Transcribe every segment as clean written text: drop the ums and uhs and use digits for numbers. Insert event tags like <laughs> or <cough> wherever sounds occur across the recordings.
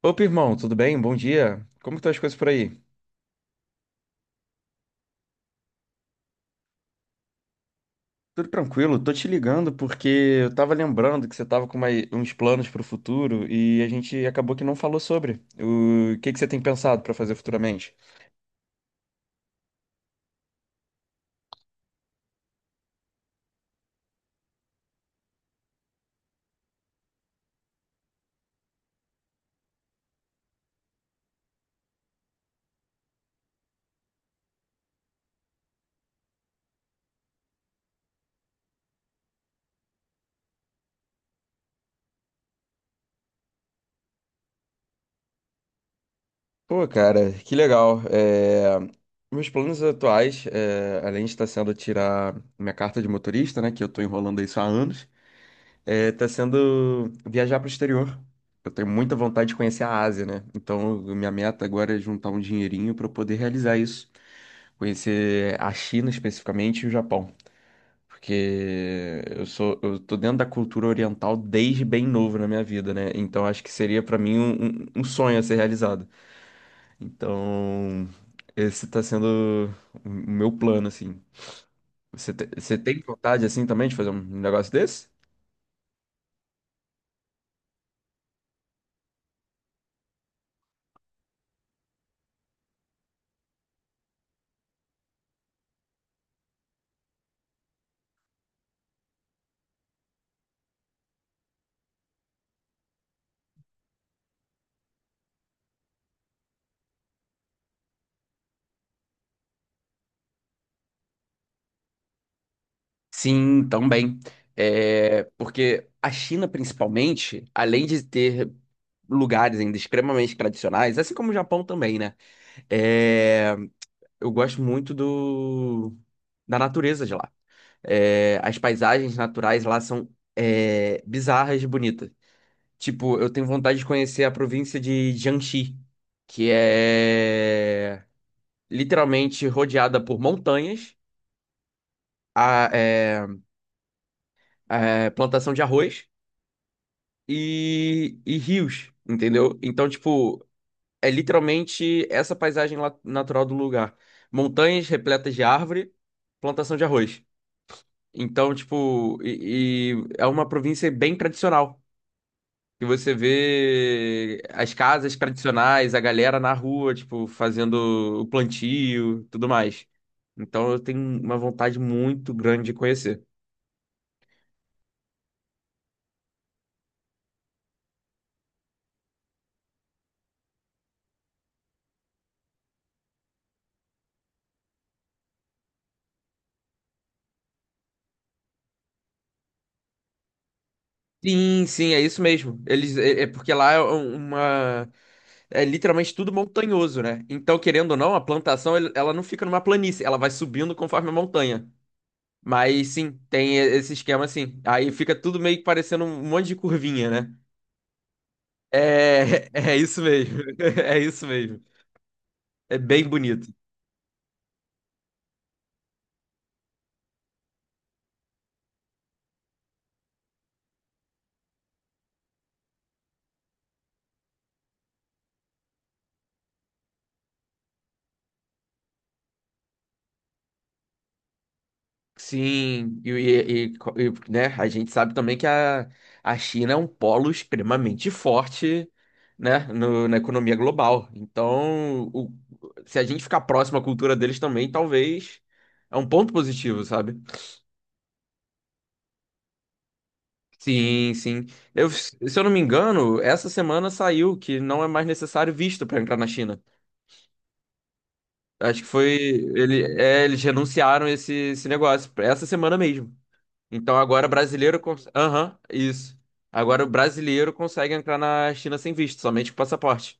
Opa, irmão, tudo bem? Bom dia. Como que estão as coisas por aí? Tudo tranquilo, tô te ligando porque eu tava lembrando que você tava com uns planos pro futuro e a gente acabou que não falou sobre. O que que você tem pensado pra fazer futuramente? Pô, cara, que legal. Meus planos atuais, além de estar sendo tirar minha carta de motorista, né, que eu tô enrolando isso há anos, tá sendo viajar pro exterior. Eu tenho muita vontade de conhecer a Ásia, né? Então, minha meta agora é juntar um dinheirinho pra eu poder realizar isso. Conhecer a China especificamente e o Japão. Porque eu tô dentro da cultura oriental desde bem novo na minha vida, né? Então acho que seria pra mim um sonho a ser realizado. Então, esse tá sendo o meu plano, assim. Você, você tem vontade, assim, também de fazer um negócio desse? Sim, também. É, porque a China, principalmente, além de ter lugares ainda extremamente tradicionais, assim como o Japão também, né? Eu gosto muito da natureza de lá. É, as paisagens naturais lá são bizarras de bonitas. Tipo, eu tenho vontade de conhecer a província de Jiangxi, que é literalmente rodeada por montanhas, a, é, plantação de arroz e rios, entendeu? Então, tipo, é literalmente essa paisagem natural do lugar. Montanhas repletas de árvore, plantação de arroz. Então, tipo, e é uma província bem tradicional. E você vê as casas tradicionais, a galera na rua, tipo, fazendo o plantio, tudo mais. Então eu tenho uma vontade muito grande de conhecer. Sim, sim, é isso mesmo. É porque lá é um, uma. É literalmente tudo montanhoso, né? Então, querendo ou não, a plantação ela não fica numa planície, ela vai subindo conforme a montanha. Mas sim, tem esse esquema assim. Aí fica tudo meio que parecendo um monte de curvinha, né? É, <laughs> é isso mesmo. <laughs> É isso mesmo. É bem bonito. Sim, e, né, a gente sabe também que a China é um polo extremamente forte, né, na economia global. Então, se a gente ficar próximo à cultura deles também, talvez é um ponto positivo, sabe? Sim, sim. Se eu não me engano, essa semana saiu que não é mais necessário visto para entrar na China. Acho que foi. Eles renunciaram esse negócio essa semana mesmo. Então agora brasileiro. Aham, isso. Agora o brasileiro consegue entrar na China sem visto, somente com passaporte.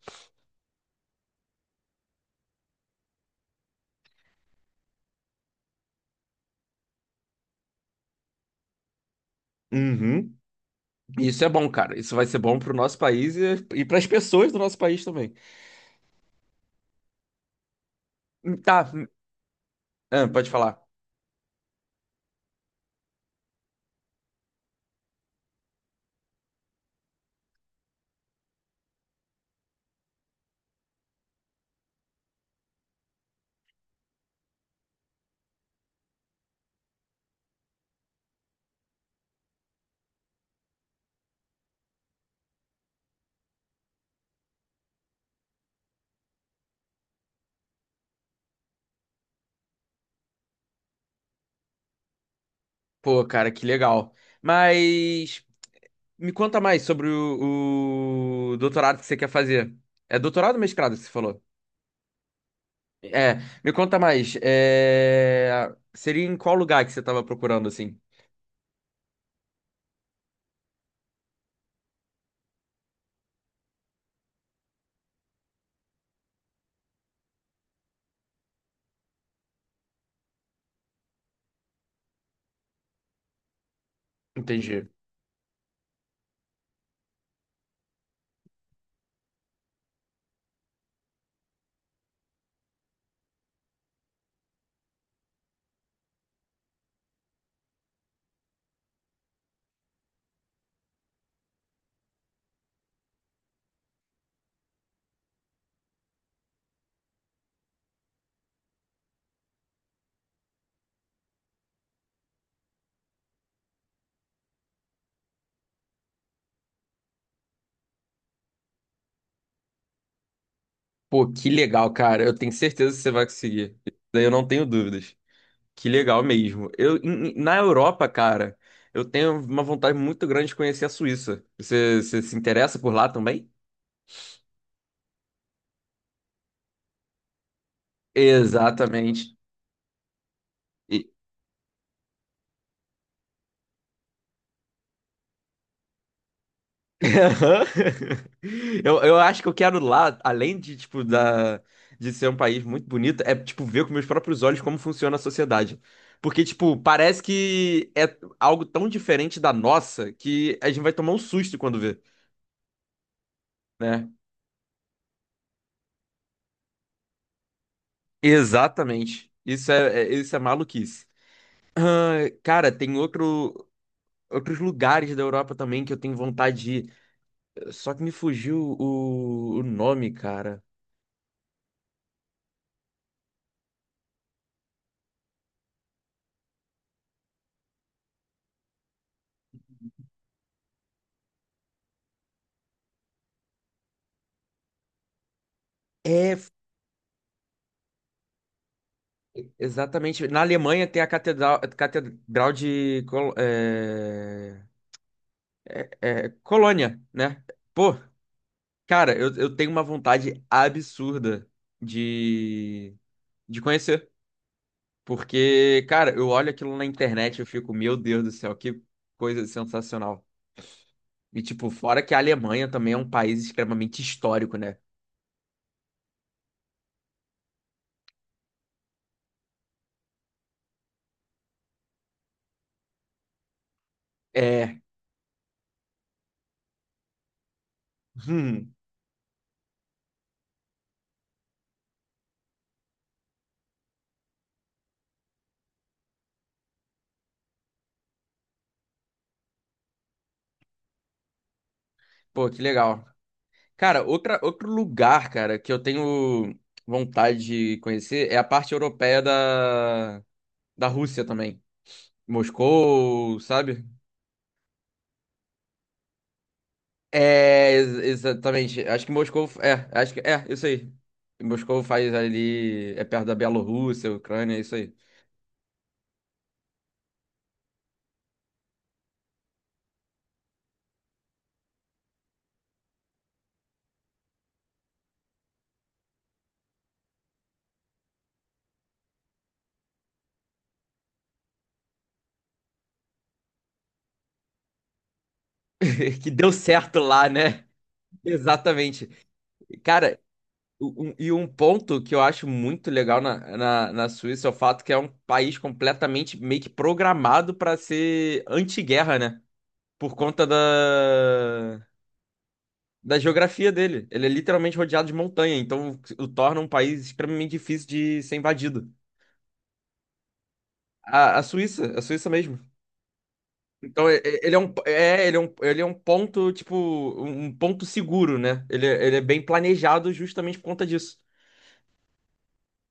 Uhum. E isso é bom, cara. Isso vai ser bom pro nosso país e para as pessoas do nosso país também. Tá, ah, pode falar. Pô, cara, que legal. Mas me conta mais sobre o doutorado que você quer fazer. É doutorado ou mestrado que você falou? É, me conta mais. É, seria em qual lugar que você tava procurando, assim? Entendi. Pô, que legal, cara. Eu tenho certeza que você vai conseguir. Daí eu não tenho dúvidas. Que legal mesmo. Na Europa, cara, eu tenho uma vontade muito grande de conhecer a Suíça. Você se interessa por lá também? Exatamente. Aham. <laughs> Eu acho que eu quero lá, além de, tipo, de ser um país muito bonito, é, tipo, ver com meus próprios olhos como funciona a sociedade. Porque, tipo, parece que é algo tão diferente da nossa que a gente vai tomar um susto quando vê, né? Exatamente. Isso é maluquice. Ah, cara, outros lugares da Europa também que eu tenho vontade de ir. Só que me fugiu o nome, cara. É, exatamente. Na Alemanha tem a Catedral de Colônia, né? Pô, cara, eu tenho uma vontade absurda de, de conhecer. Porque, cara, eu olho aquilo na internet e eu fico, meu Deus do céu, que coisa sensacional. E, tipo, fora que a Alemanha também é um país extremamente histórico, né? É. Hum, pô, que legal. Cara, outro lugar, cara, que eu tenho vontade de conhecer é a parte europeia da Rússia também. Moscou, sabe? Exatamente. Acho que Moscou. É, acho que. É, isso aí. Moscou faz ali. É perto da Bielorrússia, Ucrânia, é isso aí. <laughs> Que deu certo lá, né? Exatamente. Cara, e um ponto que eu acho muito legal na Suíça é o fato que é um país completamente meio que programado para ser anti-guerra, né? Por conta da geografia dele. Ele é literalmente rodeado de montanha, então o torna um país extremamente difícil de ser invadido. A Suíça, a Suíça mesmo. Então ele é um, é, ele é um ponto, tipo, um ponto seguro, né? Ele, ele é bem planejado justamente por conta disso.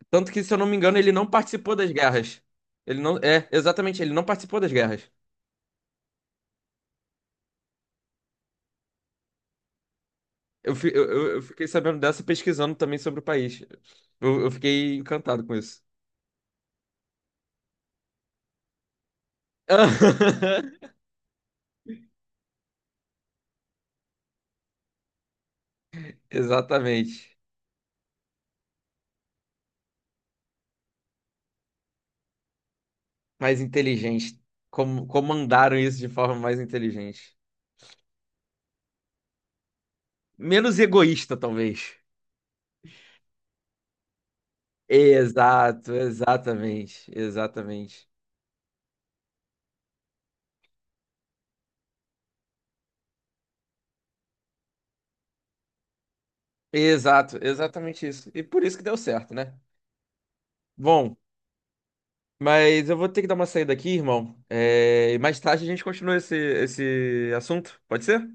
Tanto que, se eu não me engano, ele não participou das guerras. Ele não. É, exatamente, ele não participou das guerras. Eu eu fiquei sabendo dessa pesquisando também sobre o país. Eu fiquei encantado com isso. <laughs> Exatamente. Mais inteligente. Como, comandaram isso de forma mais inteligente. Menos egoísta, talvez. Exato, exatamente, exatamente. Exato, exatamente isso. E por isso que deu certo, né? Bom. Mas eu vou ter que dar uma saída aqui, irmão. É, e mais tarde a gente continua esse assunto. Pode ser?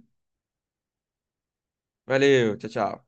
Valeu, tchau, tchau.